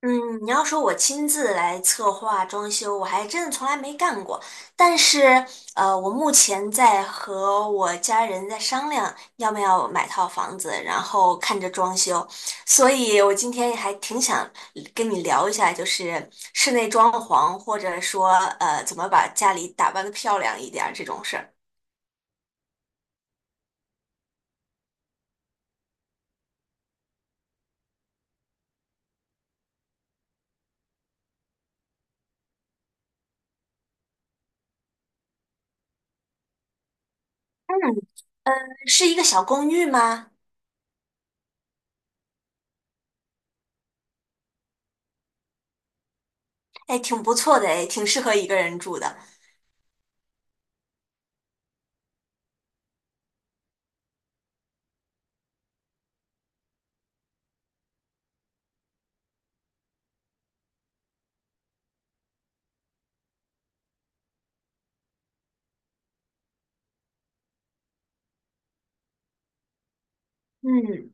嗯，你要说我亲自来策划装修，我还真的从来没干过。但是，我目前在和我家人在商量要不要买套房子，然后看着装修。所以我今天还挺想跟你聊一下，就是室内装潢，或者说怎么把家里打扮的漂亮一点儿这种事儿。嗯，是一个小公寓吗？哎，挺不错的，哎，挺适合一个人住的。嗯。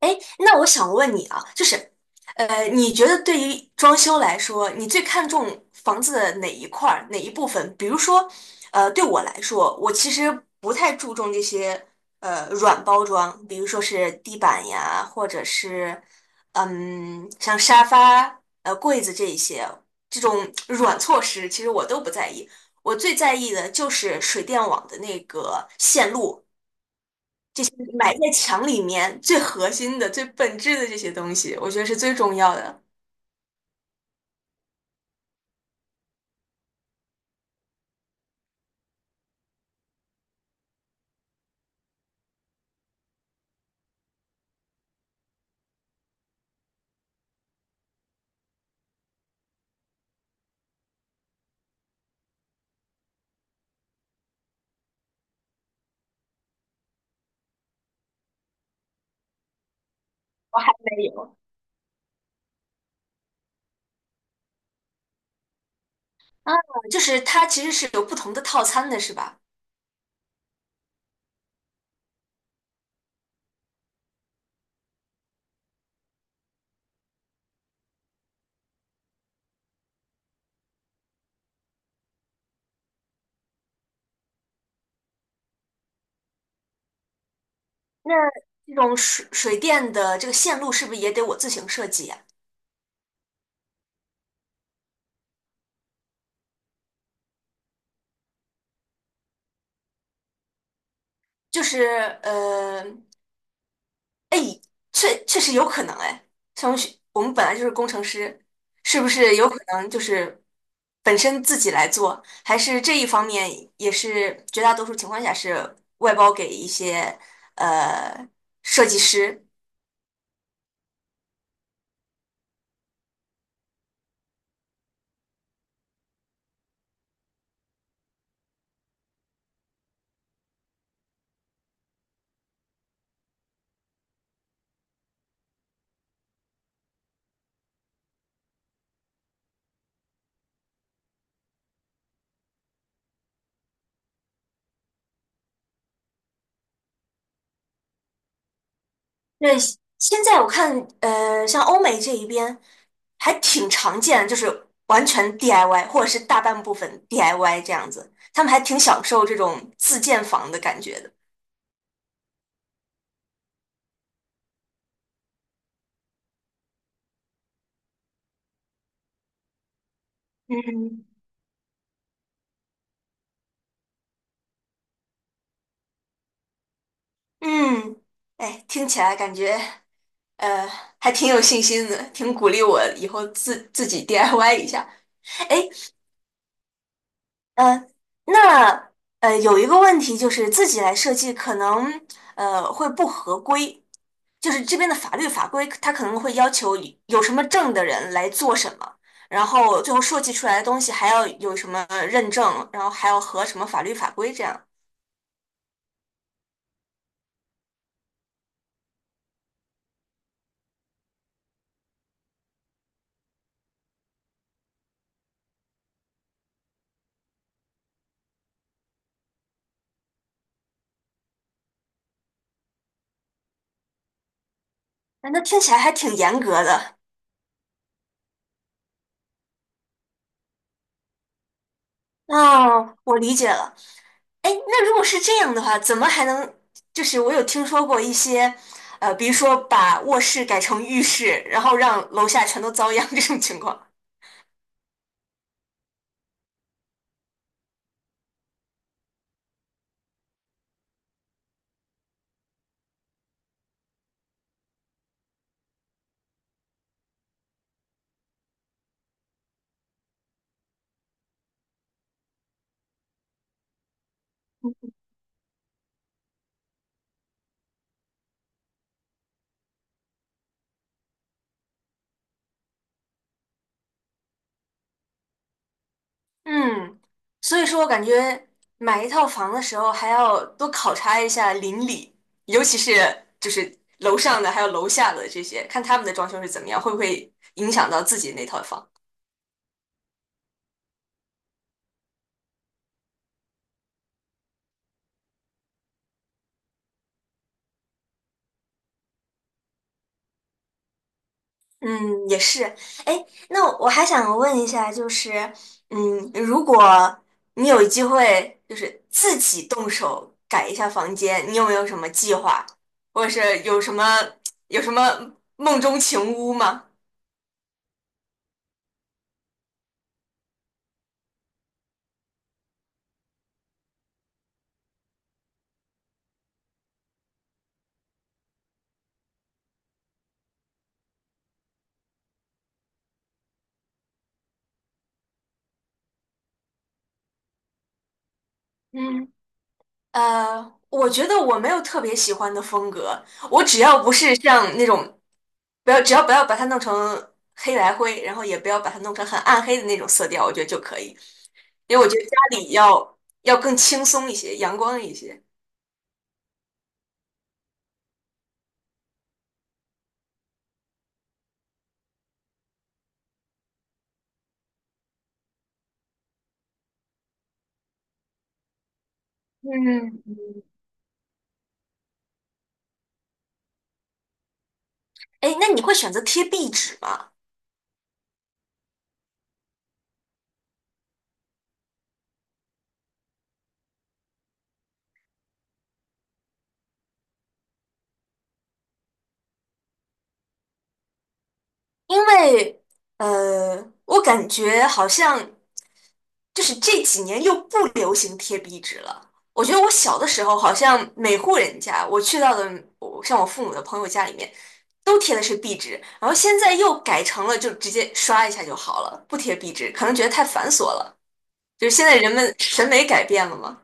哎，那我想问你啊，就是，你觉得对于装修来说，你最看重房子的哪一块儿、哪一部分？比如说，对我来说，我其实不太注重这些软包装，比如说是地板呀，或者是嗯，像沙发、柜子这一些这种软措施，其实我都不在意。我最在意的就是水电网的那个线路。埋在墙里面最核心的、最本质的这些东西，我觉得是最重要的。我还没有啊，就是它其实是有不同的套餐的，是吧？那这种水电的这个线路是不是也得我自行设计呀？就是呃，确确实有可能哎，像我们学我们本来就是工程师，是不是有可能就是本身自己来做，还是这一方面也是绝大多数情况下是外包给一些呃设计师？对，现在我看像欧美这一边还挺常见的就是完全 DIY 或者是大半部分 DIY 这样子，他们还挺享受这种自建房的感觉的。嗯嗯，哎，听起来感觉。呃，还挺有信心的，挺鼓励我以后自己 DIY 一下。哎，呃，那有一个问题就是自己来设计可能会不合规，就是这边的法律法规它可能会要求有什么证的人来做什么，然后最后设计出来的东西还要有什么认证，然后还要合什么法律法规这样，哎那听起来还挺严格的。哦，我理解了。哎，那如果是这样的话，怎么还能？就是我有听说过一些，比如说把卧室改成浴室，然后让楼下全都遭殃 这种情况。嗯，所以说我感觉买一套房的时候还要多考察一下邻里，尤其是就是楼上的还有楼下的这些，看他们的装修是怎么样，会不会影响到自己那套房。嗯，也是。哎，那我还想问一下，就是，嗯，如果你有机会，就是自己动手改一下房间，你有没有什么计划，或者是有什么梦中情屋吗？嗯。我觉得我没有特别喜欢的风格，我只要不是像那种，不要只要不要把它弄成黑白灰，然后也不要把它弄成很暗黑的那种色调，我觉得就可以。因为我觉得家里要更轻松一些，阳光一些。嗯，哎，那你会选择贴壁纸吗？因为我感觉好像就是这几年又不流行贴壁纸了。我觉得我小的时候，好像每户人家我去到的，我像我父母的朋友家里面，都贴的是壁纸，然后现在又改成了就直接刷一下就好了，不贴壁纸，可能觉得太繁琐了。就是现在人们审美改变了嘛。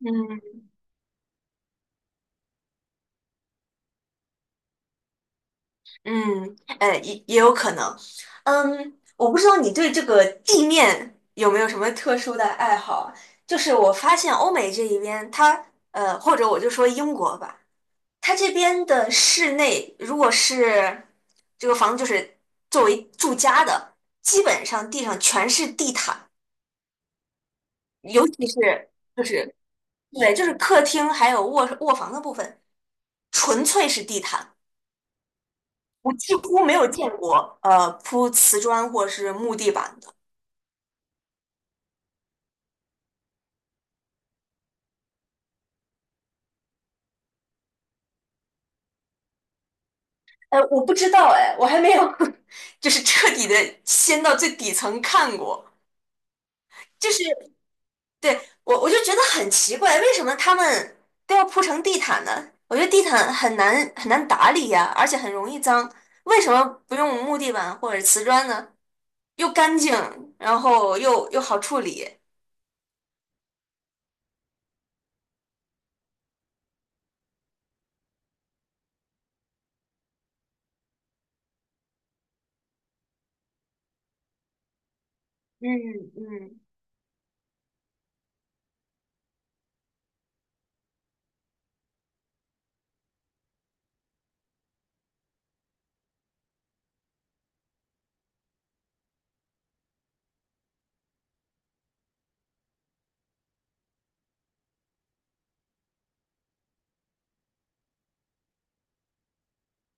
嗯，嗯，哎，也有可能。嗯，我不知道你对这个地面有没有什么特殊的爱好啊就是我发现欧美这一边，它或者我就说英国吧，它这边的室内，如果是这个房子就是作为住家的，基本上地上全是地毯，尤其是就是对，就是客厅还有卧房的部分，纯粹是地毯。我几乎没有见过，铺瓷砖或是木地板的。哎，我不知道，哎，我还没有 就是彻底的掀到最底层看过。就是对我，我就觉得很奇怪，为什么他们都要铺成地毯呢？我觉得地毯很难很难打理呀，而且很容易脏。为什么不用木地板或者瓷砖呢？又干净，然后又好处理。嗯嗯。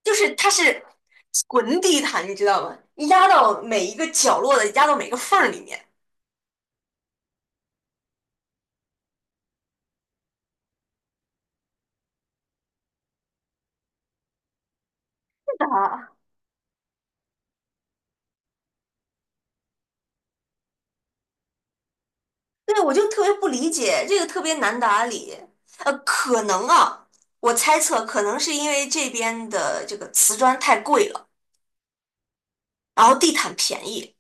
就是它是滚地毯，你知道吗？压到每一个角落的，压到每个缝儿里面。是的，对，我就特别不理解，这个特别难打理。可能啊，我猜测可能是因为这边的这个瓷砖太贵了，然后地毯便宜。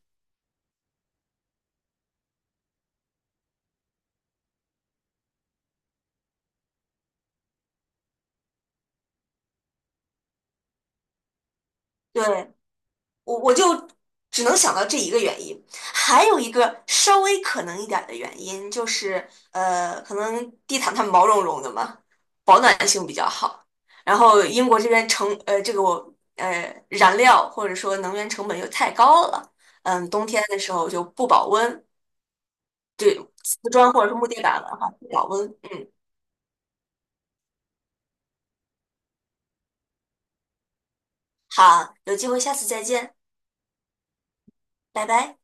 对，我就只能想到这一个原因，还有一个稍微可能一点的原因就是，可能地毯它毛茸茸的嘛，保暖性比较好。然后英国这边成呃这个我呃燃料或者说能源成本又太高了，嗯，冬天的时候就不保温，对，瓷砖或者是木地板的话不保温。嗯，好，有机会下次再见，拜拜。